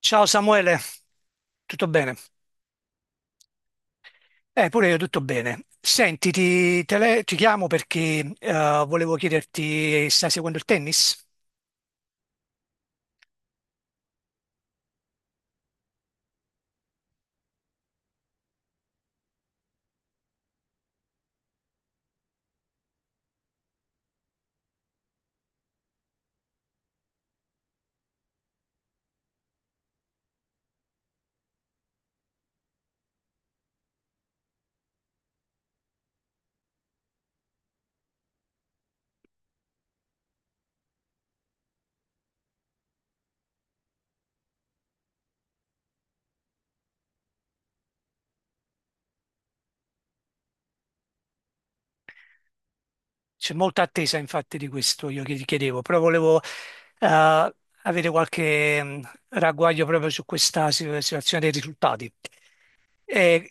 Ciao Samuele, tutto bene? Pure io tutto bene. Senti, ti chiamo perché volevo chiederti, stai seguendo il tennis? C'è molta attesa infatti di questo, io che ti chiedevo, però volevo eh, avere qualche ragguaglio proprio su questa situazione dei risultati. E-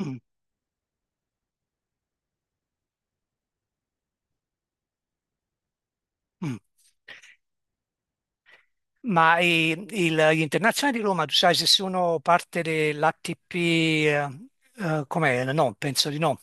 mm, mm. Ma gli internazionali di Roma, tu sai se sono parte dell'ATP, com'è? No, penso di no.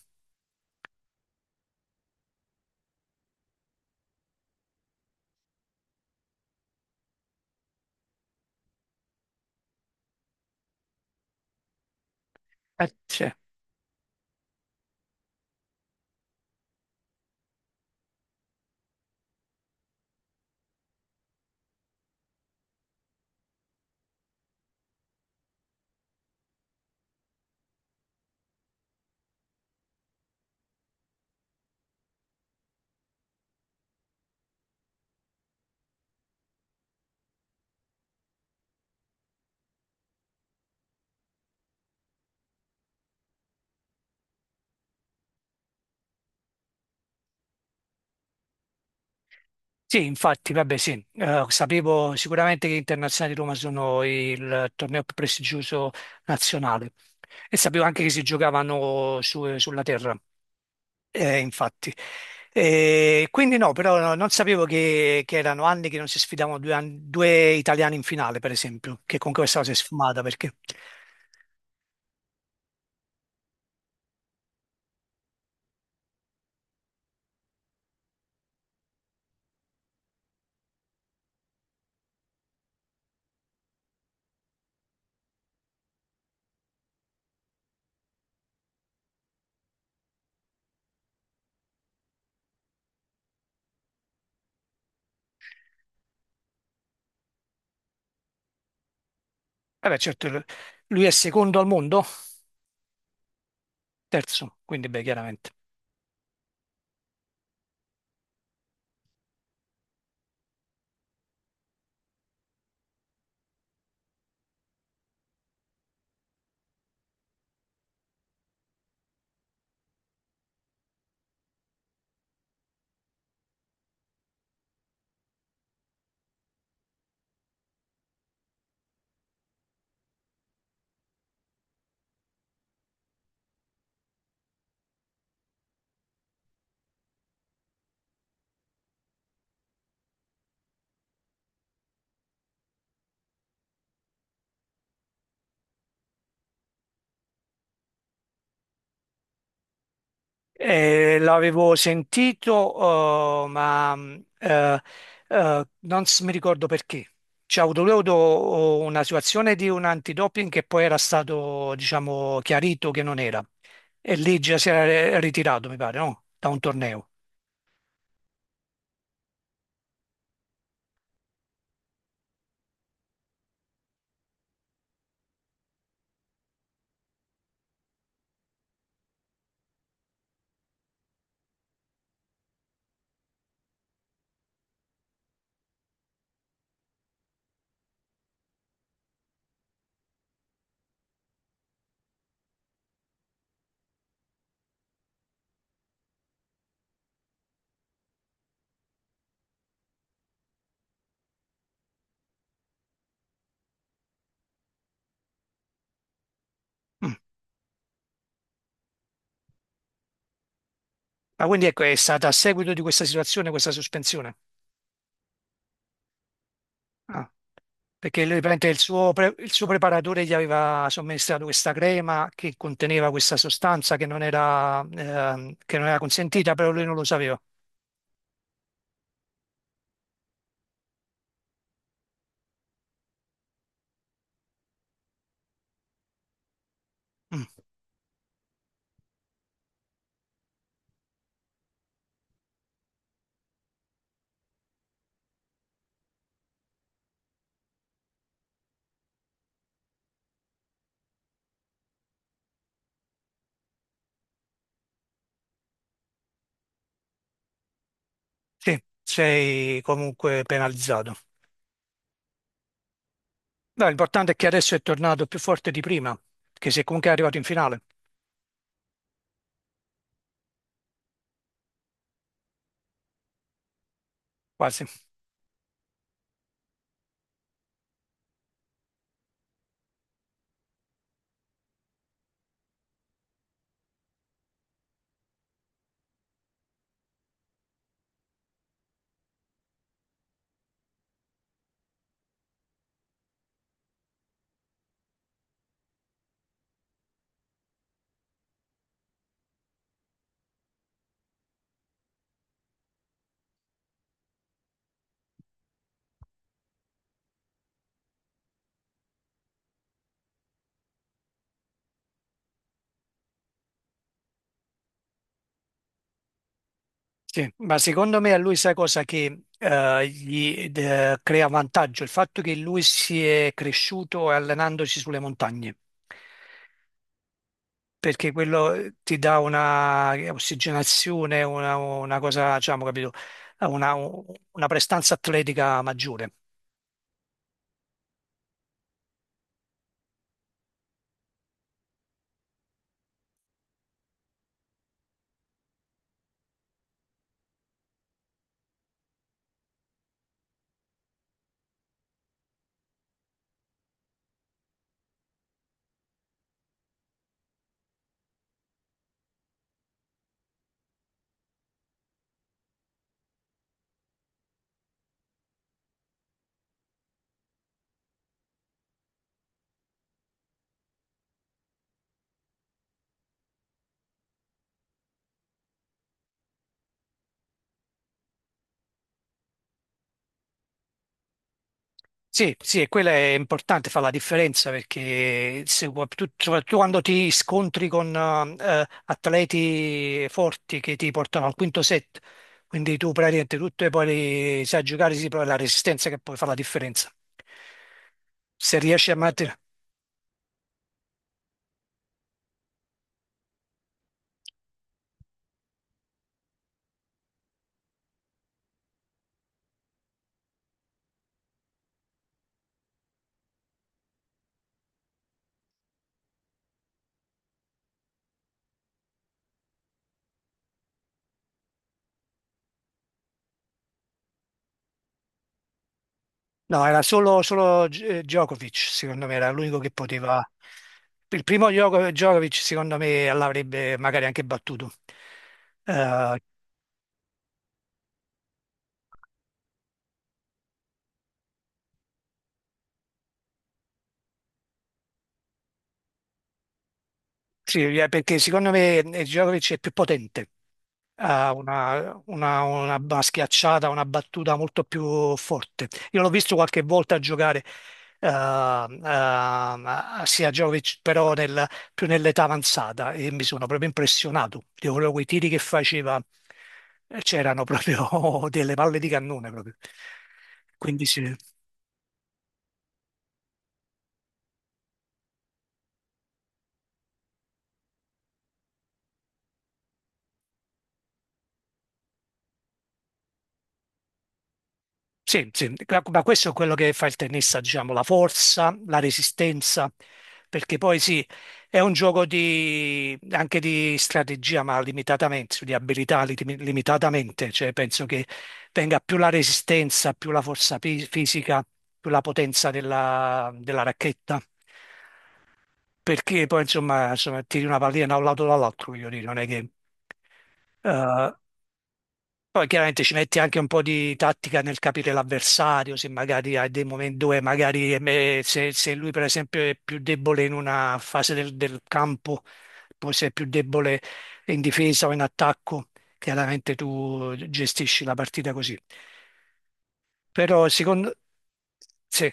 Sì, infatti, vabbè, sì, sapevo sicuramente che gli internazionali di Roma sono il torneo più prestigioso nazionale e sapevo anche che si giocavano sulla terra, infatti. E quindi no, però non sapevo che erano anni che non si sfidavano due italiani in finale, per esempio, che con questa cosa si è sfumata perché, vabbè, certo, lui è secondo al mondo, terzo, quindi beh, chiaramente. L'avevo sentito, ma non s- mi ricordo perché. C'è avuto lui ha avuto una situazione di un antidoping che poi era stato, diciamo, chiarito che non era. E lì già si era ritirato, mi pare, no? Da un torneo. Mm. Ma quindi ecco, è stata a seguito di questa situazione, questa sospensione. Ah. Perché lui, praticamente, il suo, preparatore gli aveva somministrato questa crema che conteneva questa sostanza che non era, che non era consentita, però lui non lo sapeva. Mm, sì, sei comunque penalizzato. No, l'importante è che adesso è tornato più forte di prima, che se comunque è arrivato in finale, quasi. Sì, ma secondo me a lui sai cosa che gli crea vantaggio? Il fatto che lui si è cresciuto allenandosi sulle montagne. Perché quello ti dà una ossigenazione, una cosa, diciamo, capito, una prestanza atletica maggiore. Sì, sì, e quella è importante, fa la differenza perché se tu, soprattutto quando ti scontri con atleti forti che ti portano al quinto set, quindi tu praticamente tutto e poi sai giocare, sì, però è la resistenza che poi fa la differenza. Se riesci a mantenere. No, era solo Djokovic, secondo me, era l'unico che poteva. Il primo Djokovic, secondo me, l'avrebbe magari anche battuto. Eh, sì, perché secondo me Djokovic è più potente, ha una schiacciata, una battuta molto più forte. Io l'ho visto qualche volta giocare sia Djokovic, però più nell'età avanzata e mi sono proprio impressionato. Io quei tiri che faceva c'erano proprio delle palle di cannone proprio. Quindi sì. Sì, sì, ma questo è quello che fa il tennista, diciamo, la forza, la resistenza, perché poi sì, è un gioco di, anche di strategia, ma limitatamente, di abilità limitatamente, cioè penso che venga più la resistenza, più la forza fisica, più la potenza della racchetta, perché poi insomma tiri una pallina da un lato o dall'altro, voglio dire, non è che. eh, poi chiaramente ci metti anche un po' di tattica nel capire l'avversario, se magari hai dei momenti dove magari se lui per esempio è più debole in una fase del campo, poi se è più debole in difesa o in attacco, chiaramente tu gestisci la partita così. Però secondo. Sì,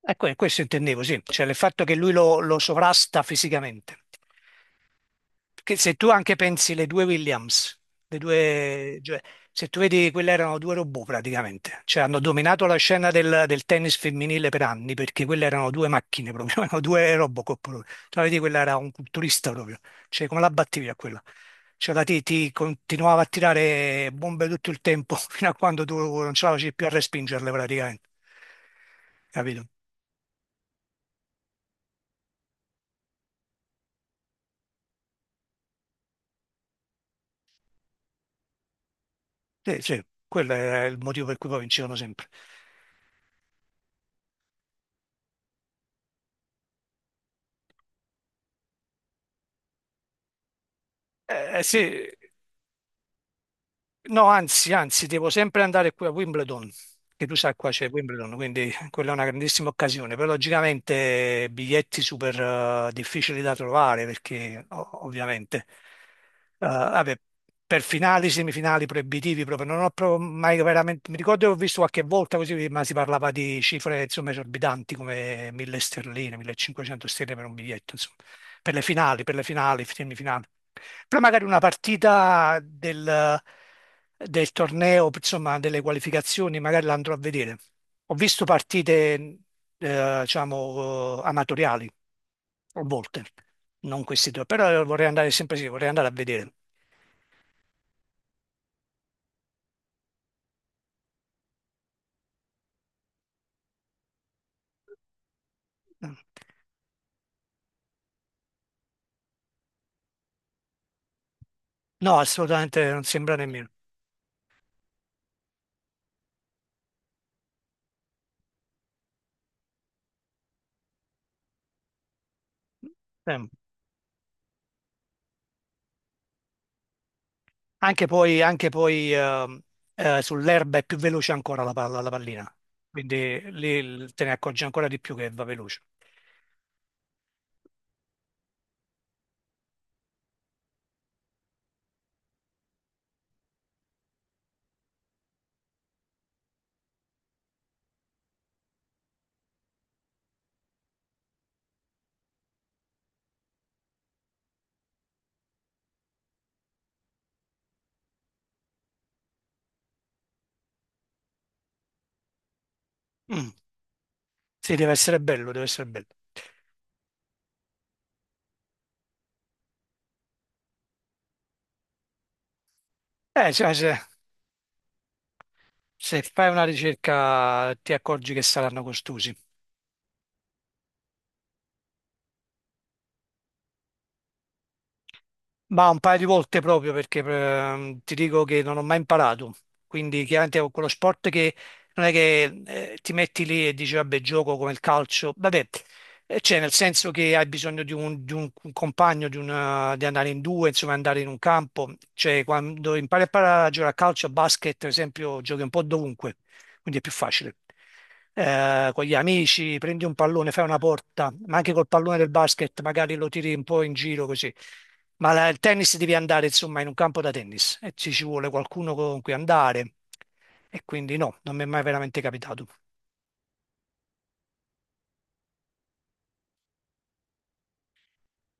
ecco, questo intendevo, sì, cioè il fatto che lui lo sovrasta fisicamente. Che se tu anche pensi le due Williams, le due, cioè, se tu vedi, quelle erano due robot praticamente, cioè hanno dominato la scena del tennis femminile per anni perché quelle erano due macchine proprio, erano due Robocop proprio. Tu la vedi, quella era un culturista proprio, cioè come la battevi a quella? Cioè la ti continuava a tirare bombe tutto il tempo fino a quando tu non ce la facevi più a respingerle praticamente, capito? Sì, sì, quello era il motivo per cui poi vincevano sempre. Eh, sì, no, anzi, anzi, devo sempre andare qui a Wimbledon, che tu sai qua c'è Wimbledon, quindi quella è una grandissima occasione, però logicamente biglietti super difficili da trovare perché ovviamente vabbè, per finali, semifinali proibitivi proprio, non ho proprio mai veramente, mi ricordo che ho visto qualche volta così, ma si parlava di cifre insomma esorbitanti come 1000 sterline, 1500 sterline per un biglietto, insomma, per le finali, semifinali. Però magari una partita del torneo, insomma, delle qualificazioni, magari la andrò a vedere. Ho visto partite, diciamo, amatoriali, a volte, non questi due, però vorrei andare sempre sì, vorrei andare a vedere. No, assolutamente non sembra nemmeno. Eh. Anche poi, sull'erba è più veloce ancora la palla, la pallina, quindi lì te ne accorgi ancora di più che va veloce. Mm, sì, deve essere bello, deve essere bello. Cioè, se fai una ricerca ti accorgi che saranno costosi. Ma un paio di volte proprio perché ti dico che non ho mai imparato, quindi chiaramente è quello sport che non è che ti metti lì e dici vabbè gioco come il calcio, vabbè, cioè nel senso che hai bisogno di un compagno, di andare in due, insomma andare in un campo, cioè quando impari a giocare a calcio, a basket per esempio giochi un po' dovunque quindi è più facile. Con gli amici prendi un pallone, fai una porta, ma anche col pallone del basket magari lo tiri un po' in giro così. Ma il tennis devi andare insomma in un campo da tennis e ci vuole qualcuno con cui andare e quindi no, non mi è mai veramente capitato.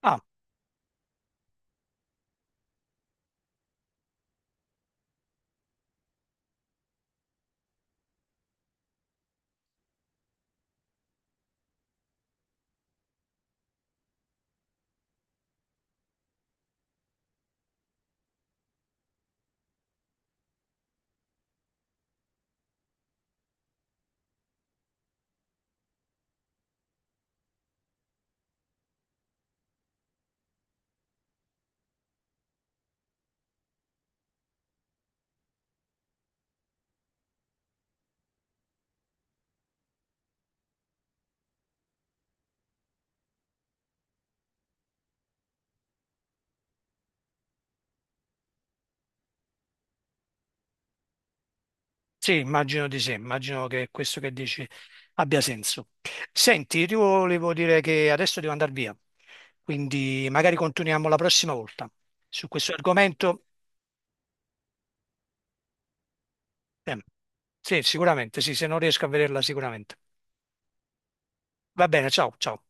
Ah, sì, immagino di sì, immagino che questo che dici abbia senso. Senti, io ti volevo dire che adesso devo andare via, quindi magari continuiamo la prossima volta su questo argomento. Eh, Sì, sicuramente, sì, se non riesco a vederla sicuramente. Va bene, ciao, ciao.